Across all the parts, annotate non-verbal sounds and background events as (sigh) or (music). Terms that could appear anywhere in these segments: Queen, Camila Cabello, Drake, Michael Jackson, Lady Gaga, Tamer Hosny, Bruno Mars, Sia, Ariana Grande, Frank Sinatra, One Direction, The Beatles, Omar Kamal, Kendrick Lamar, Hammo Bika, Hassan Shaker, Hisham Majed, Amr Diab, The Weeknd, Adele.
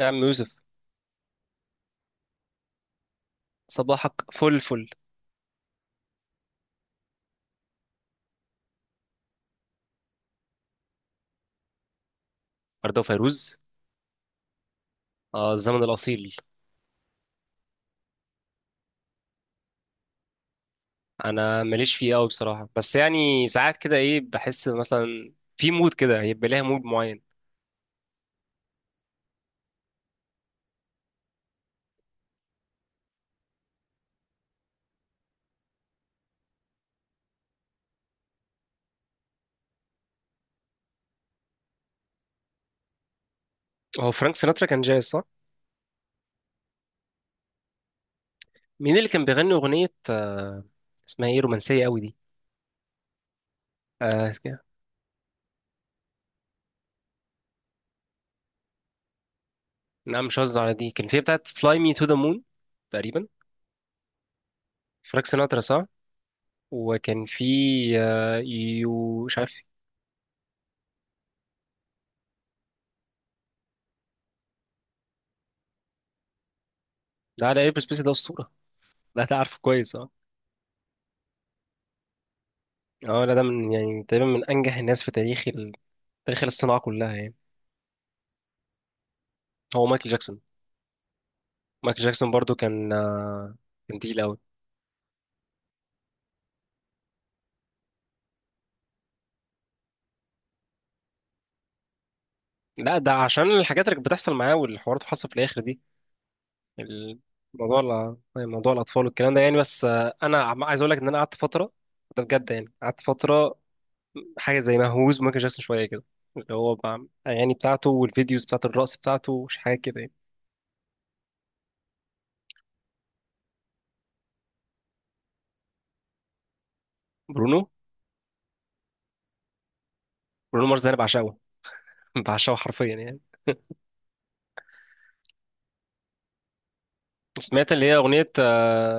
نعم، يوسف. صباحك فل فل. أرده فيروز. آه، الزمن الأصيل. أنا ماليش فيه أوي بصراحة، بس يعني ساعات كده إيه بحس مثلا في مود كده، هيبقى ليها مود معين. هو فرانك سيناترا كان جاي، صح؟ مين اللي كان بيغني أغنية اسمها إيه، رومانسية أوي دي؟ آه. نعم، مش قصدي على دي، كان في بتاعة Fly Me to the Moon تقريبا. فرانك سيناترا، صح؟ وكان في يو، مش عارف. لا، لا، إلبس بيس ده أسطورة. لا، ده عارفه كويس، اه. اه، لا ده من يعني تقريبا من انجح الناس في تاريخ الصناعة كلها يعني. هو مايكل جاكسون. مايكل جاكسون برضو كان تقيل قوي. لا، ده عشان الحاجات اللي كانت بتحصل معاه والحوارات اللي حصل في الاخر دي الموضوع. موضوع الاطفال والكلام ده يعني، بس انا عايز اقول لك ان انا قعدت فترة. ده بجد، يعني قعدت فترة. حاجة زي مهووس بمايكل جاكسون شوية كده. اللي هو الاغاني بتاعته والفيديوز بتاعت الرقص بتاعته، مش حاجة كده يعني. برونو. برونو مارس ده انا بعشقه. (laughs) بعشقه حرفيا يعني. سمعت اللي هي اغنية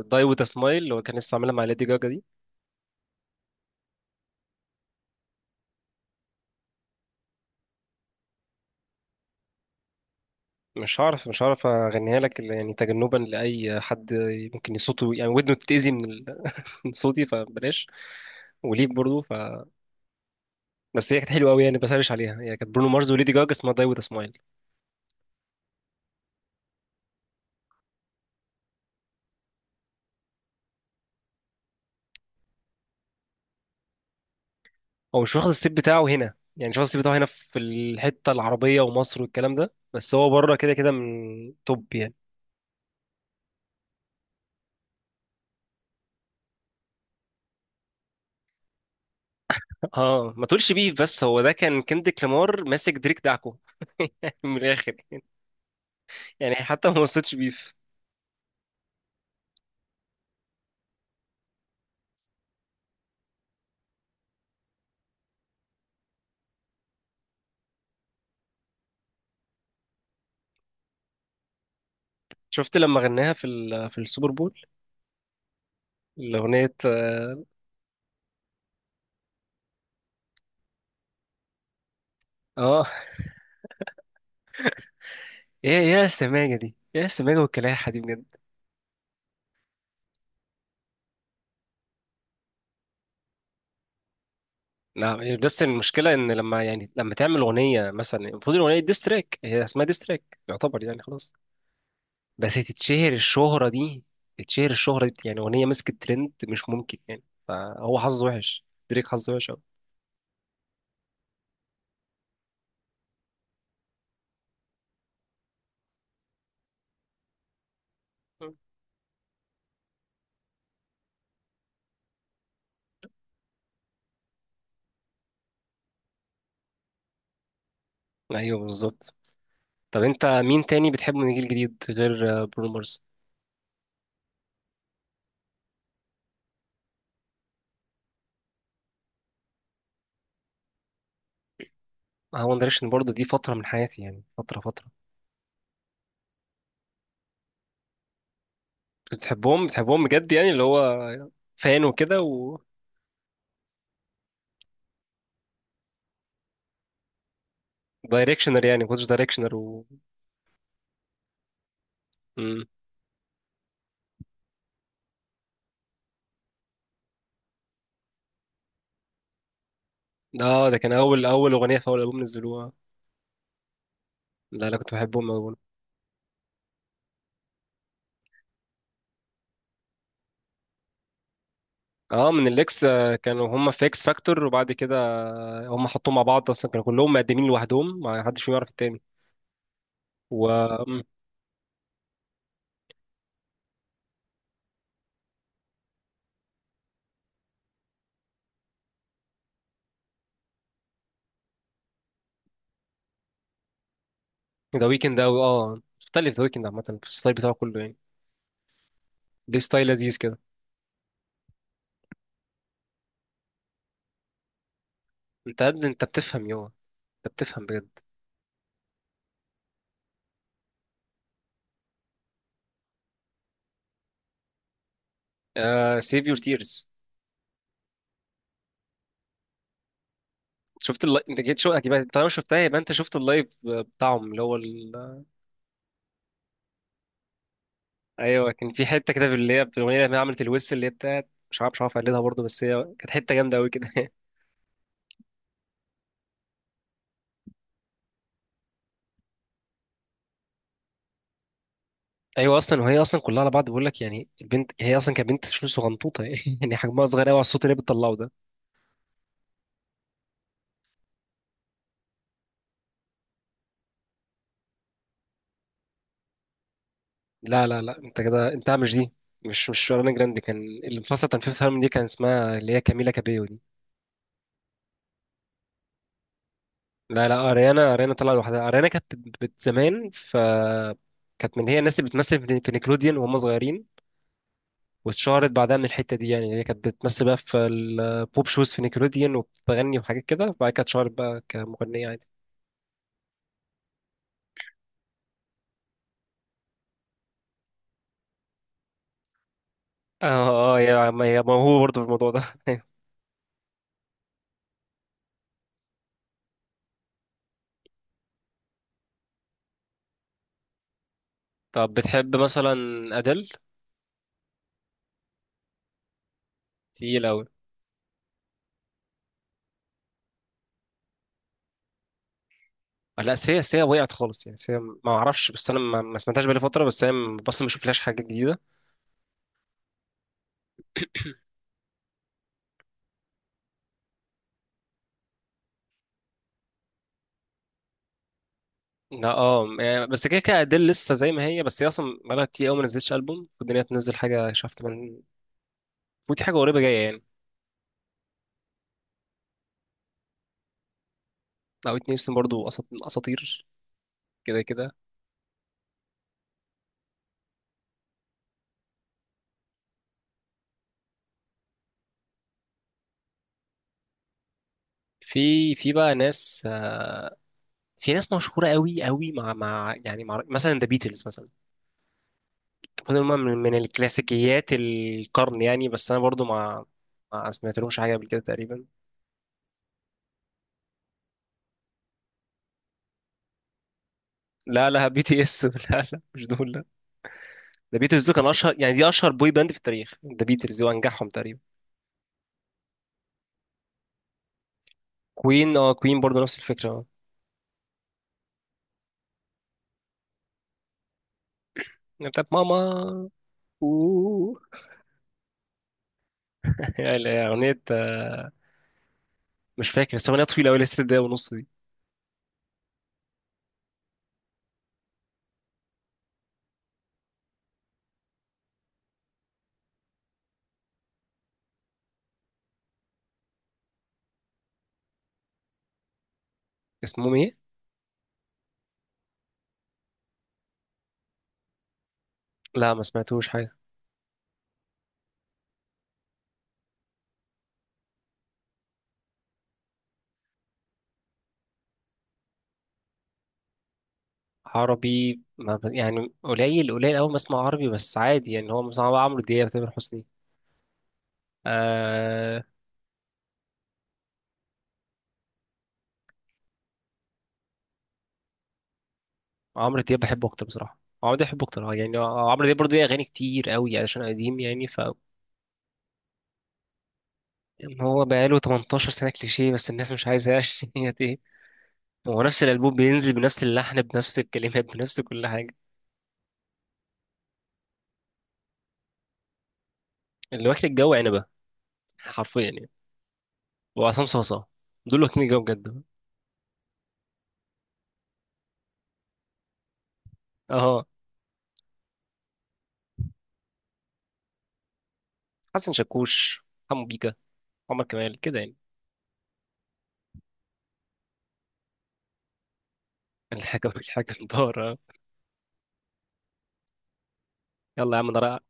داي وذ سمايل، اللي هو كان لسه عاملها مع ليدي جاجا دي؟ مش هعرف اغنيها لك، إلا يعني تجنبا لاي حد ممكن صوته يعني ودنه تتاذي من (laughs) من صوتي، فبلاش. وليك برضو بس هي كانت حلوه قوي يعني، بسرش عليها، هي كانت برونو مارز وليدي جاجا، اسمها داي وذ سمايل. هو مش واخد السيت بتاعه هنا، يعني مش واخد السيت بتاعه هنا في الحته العربيه ومصر والكلام ده، بس هو بره كده كده من توب يعني. اه، ما تقولش بيف، بس هو ده كان كندريك لامار ماسك دريك دعكو. (laughs) من الاخر، يعني حتى ما وصلتش بيف. شفت لما غناها في في السوبر بول. الأغنية. اه. ايه يا السماجه دي، ايه السماجه والكلاحه دي بجد. لا، بس المشكله ان لما تعمل اغنيه مثلا، المفروض الاغنيه ديستراك، هي اسمها ديستراك يعتبر يعني، خلاص. بس تتشهر الشهره دي يعني، اغنيه مسكت ترند مش ممكن يعني. فهو حظه وحش، دريك حظه وحش قوي. ايوه، بالظبط. طب انت مين تاني بتحبه من الجيل الجديد غير برونو مارس؟ اه، وان دايركشن برضه، دي فتره من حياتي يعني، فتره فتره. بتحبهم بتحبهم بجد يعني، اللي هو فان وكده؟ دايركشنر يعني، ما كنتش دايركشنر و... مم. اه، ده كان اول اول اغنيه في اول البوم نزلوها. لا، انا كنت بحبهم أوي. اه، من الاكس، كانوا هم في اكس فاكتور، وبعد كده هم حطوهم مع بعض، اصلا كانوا كلهم مقدمين لوحدهم، ما حدش فيهم يعرف التاني. و... مم. ذا ويكند اوي، اه مختلف ذا ويكند عامه في الستايل بتاعه كله يعني. ليه ستايل لذيذ كده. انت قد انت بتفهم يابا، انت بتفهم بجد. آه، سيف يور تيرز. شفت اللايف؟ انت جيت شو اكيد بقى، طالما شفتها يبقى انت شفت اللايف بتاعهم، اللي هو... ايوه، كان في حته كده، في اللي هي في الاغنيه اللي هي عملت الويس اللي هي بتاعت، مش عارف اقلدها برضه، بس هي كانت حته جامده قوي كده. (laughs) ايوه، اصلا وهي اصلا كلها على بعض بقول لك يعني، البنت هي اصلا كانت بنت شو صغنطوطه. (laughs) يعني حجمها صغير قوي على الصوت اللي هي بتطلعه ده. لا، لا، لا، انت كده انت مش دي. مش اريانا جراندي كان اللي مفصل، تنفيذ الهرمون دي كان اسمها اللي هي كاميلا كابيو دي. لا، لا، اريانا طلع لوحدها. اريانا كانت زمان ف، كانت من هي الناس اللي بتمثل في نيكلوديان وهم صغيرين. واتشهرت بعدها من الحته دي، يعني هي كانت بتمثل بقى في البوب شوز في نيكلوديان، وبتغني وحاجات كده، وبعد كده اتشهرت بقى كمغنيه عادي. اه. اه، هي، هي موهوبه برضه في الموضوع ده. (laughs) طب بتحب مثلا ادل؟ تقيل قوي. لا، سيا وقعت خالص يعني، سيا ما اعرفش، بس انا ما سمعتهاش بقالي فتره، بس هي اصلا ما شفتلهاش حاجه جديده. لا، اه يعني، بس كده كده، ادل لسه زي ما هي، بس هي اصلا بقالها كتير قوي ما نزلتش البوم، والدنيا تنزل حاجه شاف كمان. فوتي حاجه قريبه جايه يعني. او اتنين سن برضه، اساطير كده كده. في بقى ناس، في ناس مشهوره قوي قوي، مع مثلا ذا بيتلز مثلا. المفروض إن هم من الكلاسيكيات القرن يعني، بس انا برضو ما سمعتلهمش حاجه قبل كده تقريبا. لا، لا. (laughs) بي تي اس. (laughs) لا، لا، مش دول، لا. ذا بيتلز دول كان اشهر يعني، دي اشهر بوي باند في التاريخ، ذا بيتلز وانجحهم تقريبا. كوين، اه كوين برضو نفس الفكره، اه. يعني بتاعت ماما. اوه. (laughs) يعني اغنيه، مش فاكر، بس اغنيه طويله قوي، لسه دقيقه ونص دي. اسمهم ايه؟ لا، ما سمعتوش حاجه. عربي ما ب... يعني قليل قليل أوي ما اسمع عربي، بس عادي يعني، هو مثلا عمرو دياب، تامر حسني. آه. عمرو دياب بحبه أكتر بصراحة، عمرو دياب بحبه أكتر، يعني، عمرو دياب برضه ليه أغاني كتير أوي عشان قديم يعني ف... يعني هو بقاله 18 سنة كليشيه، بس الناس مش عايزة. (laughs) عشان هي ايه؟ هو نفس الألبوم بينزل بنفس اللحن بنفس الكلمات (laughs) بنفس كل حاجة. اللي واكل الجو عنبة، حرفيا يعني. وعصام صاصا، دول واكلين الجو بجد. اه، حسن شاكوش، حمو بيكا، عمر كمال كده يعني. الحكم الحكم دار. (laughs) يلا يا عم،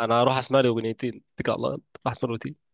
انا هروح اسمع لي اغنيتين، اتكل على الله يلا. راح اسمع لي اغنيتين.